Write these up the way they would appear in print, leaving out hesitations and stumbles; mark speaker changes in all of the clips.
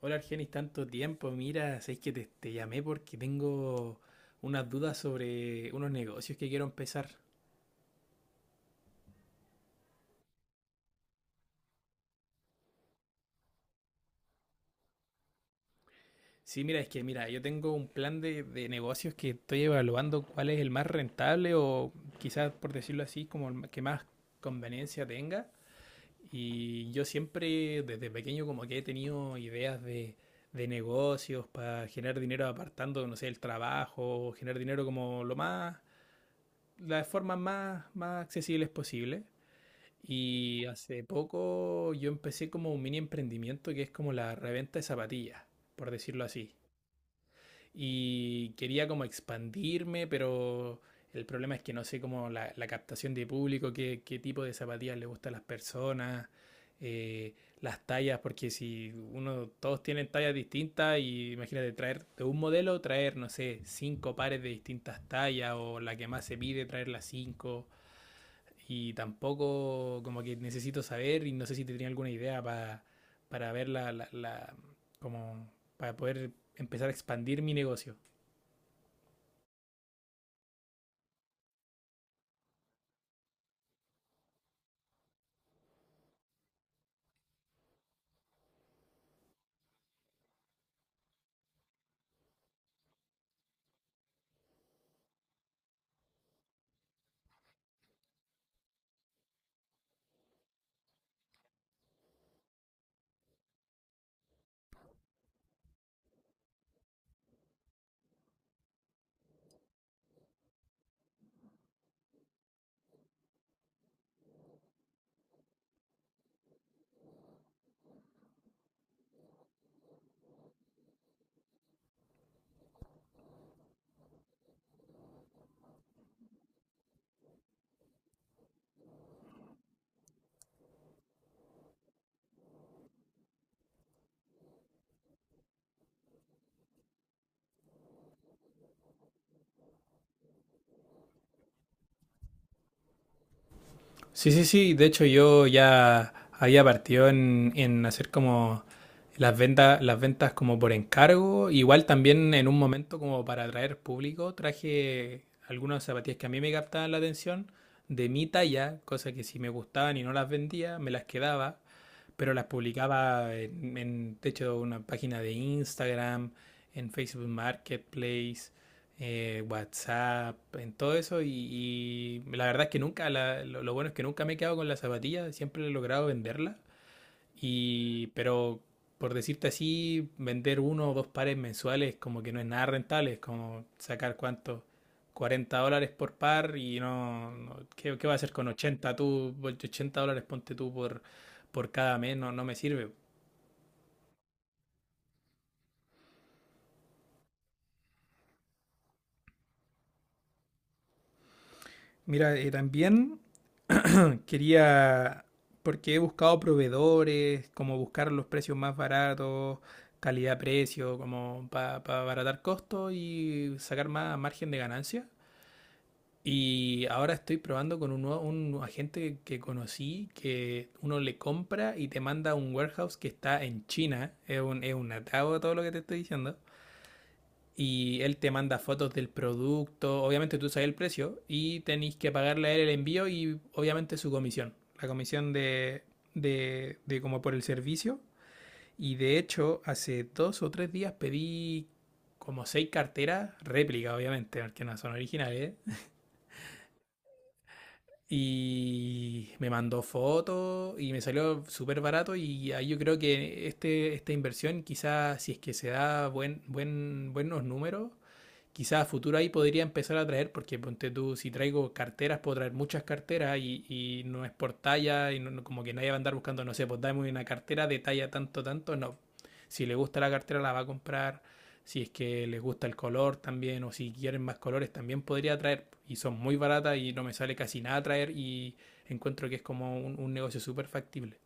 Speaker 1: Hola Argenis, tanto tiempo. Mira, sabéis que te llamé porque tengo unas dudas sobre unos negocios que quiero empezar. Sí, mira, es que mira, yo tengo un plan de negocios que estoy evaluando cuál es el más rentable o quizás por decirlo así, como el que más conveniencia tenga. Y yo siempre desde pequeño como que he tenido ideas de negocios para generar dinero apartando, no sé, el trabajo, generar dinero como lo más, las formas más, más accesibles posibles. Y hace poco yo empecé como un mini emprendimiento que es como la reventa de zapatillas, por decirlo así. Y quería como expandirme, pero el problema es que no sé cómo la captación de público, qué tipo de zapatillas le gustan a las personas, eh, las tallas, porque si uno, todos tienen tallas distintas y imagínate traer de un modelo, traer, no sé, cinco pares de distintas tallas o la que más se pide, traer las cinco. Y tampoco como que necesito saber y no sé si te tenía alguna idea para ver como para poder empezar a expandir mi negocio. Sí, sí, sí. De hecho, yo ya había partido en hacer como las ventas como por encargo. Igual también en un momento como para atraer público, traje algunas zapatillas que a mí me captaban la atención de mi talla, cosas que si me gustaban y no las vendía, me las quedaba pero las publicaba en de hecho, una página de Instagram, en Facebook Marketplace, WhatsApp, en todo eso. Y la verdad es que nunca, la, lo, bueno es que nunca me he quedado con la zapatilla, siempre he logrado venderla. Y, pero por decirte así, vender uno o dos pares mensuales como que no es nada rentable, es como sacar cuánto, $40 por par y no, no- ¿qué va a hacer con 80 tú? $80 ponte tú por cada mes, no, no me sirve. Mira, también quería, porque he buscado proveedores, como buscar los precios más baratos, calidad-precio, como para abaratar costos y sacar más margen de ganancia. Y ahora estoy probando con un agente que conocí que uno le compra y te manda a un warehouse que está en China. Es un atado todo lo que te estoy diciendo. Y él te manda fotos del producto. Obviamente tú sabes el precio y tenéis que pagarle a él el envío y obviamente su comisión. La comisión de como por el servicio. Y de hecho, hace dos o tres días pedí como 6 carteras, réplica obviamente, porque no son originales. Y me mandó fotos y me salió súper barato y ahí yo creo que esta inversión quizás si es que se da buenos números, quizás a futuro ahí podría empezar a traer, porque ponte tú, si traigo carteras, puedo traer muchas carteras y no es por talla, como que nadie va a andar buscando, no sé, pues dame una cartera de talla tanto, tanto, no. Si le gusta la cartera, la va a comprar. Si es que les gusta el color también, o si quieren más colores, también podría traer. Y son muy baratas y no me sale casi nada traer. Y encuentro que es como un negocio súper factible.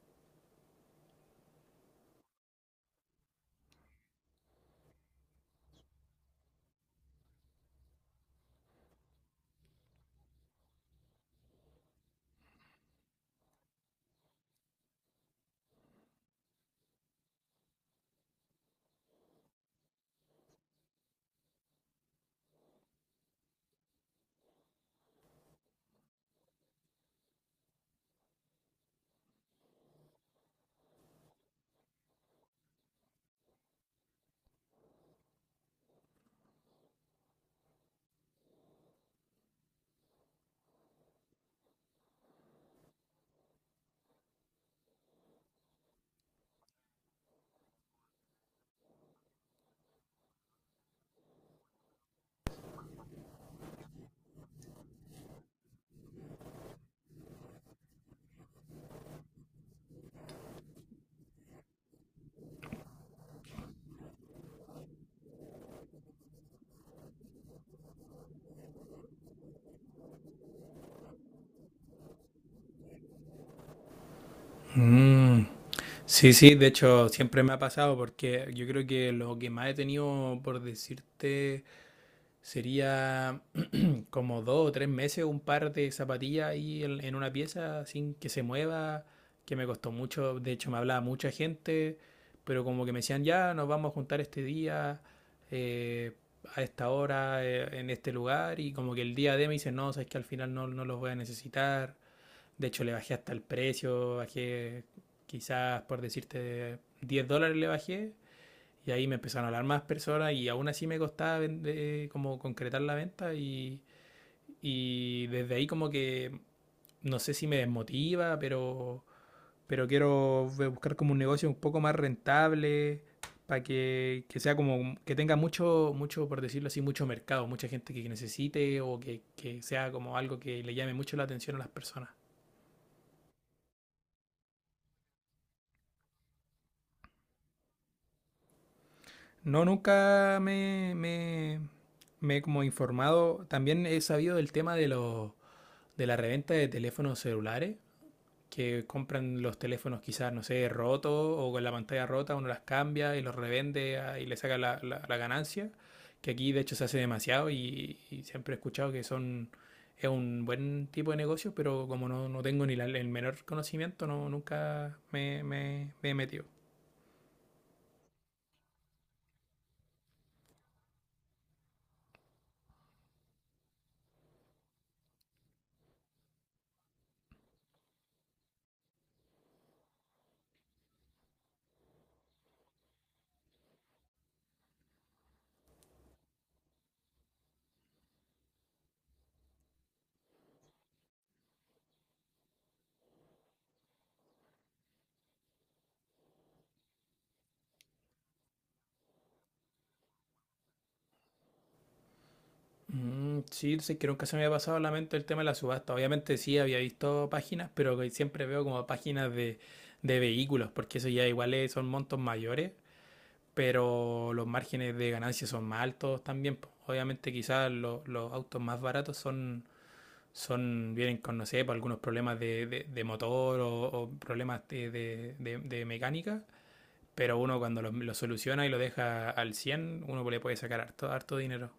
Speaker 1: Mm. Sí, sí, de hecho siempre me ha pasado porque yo creo que lo que más he tenido, por decirte, sería como dos o tres meses un par de zapatillas ahí en una pieza sin que se mueva, que me costó mucho. De hecho, me hablaba mucha gente, pero como que me decían, ya, nos vamos a juntar este día, eh, a esta hora, en este lugar. Y como que el día de me dicen, no, sabes que al final no, no los voy a necesitar. De hecho, le bajé hasta el precio, bajé quizás, por decirte, $10 le bajé y ahí me empezaron a hablar más personas y aún así me costaba vender- como concretar la venta y desde ahí como que no sé si me desmotiva, pero quiero buscar como un negocio un poco más rentable para que sea como que tenga mucho, mucho, por decirlo así, mucho mercado, mucha gente que necesite o que sea como algo que le llame mucho la atención a las personas. No, nunca me he como informado. También he sabido del tema de los de la reventa de teléfonos celulares, que compran los teléfonos quizás, no sé, rotos o con la pantalla rota, uno las cambia y los revende ah, y le saca la ganancia, que aquí de hecho se hace demasiado y siempre he escuchado que son, es un buen tipo de negocio, pero como no, no tengo ni el menor conocimiento, no, nunca me he metido. Mm, sí, sí, creo que se me había pasado a la mente el tema de la subasta. Obviamente sí había visto páginas, pero que siempre veo como páginas de vehículos, porque eso ya igual son montos mayores, pero los márgenes de ganancia son más altos también. Po. Obviamente quizás los autos más baratos son, son vienen con, no sé, por algunos problemas de motor o problemas de mecánica, pero uno cuando los soluciona y lo deja al 100 uno le puede sacar harto, harto dinero.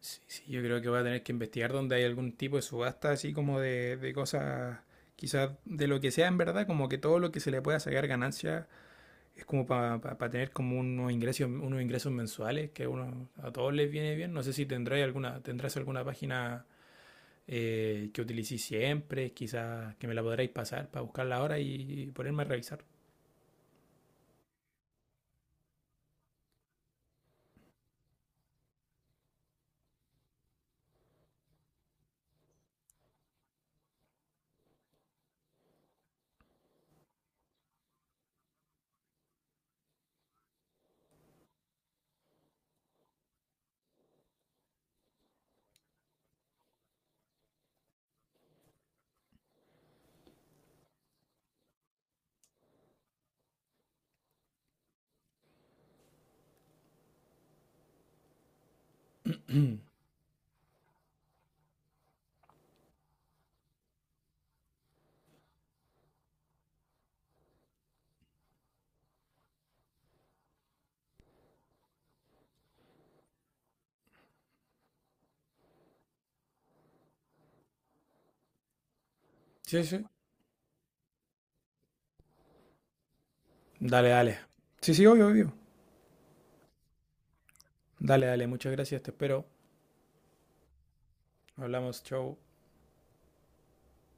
Speaker 1: Sí, sí, yo creo que voy a tener que investigar dónde hay algún tipo de subasta así como de cosas, quizás de lo que sea en verdad, como que todo lo que se le pueda sacar ganancia es como para tener como unos ingresos mensuales que a uno, a todos les viene bien. No sé si tendráis alguna, tendrás alguna página que utilicéis siempre, quizás que me la podréis pasar para buscarla ahora y ponerme a revisar. Mm. Sí, sí. Dale, dale. Sí, sí, obvio, obvio. Dale, dale, muchas gracias, te espero. Hablamos, chau.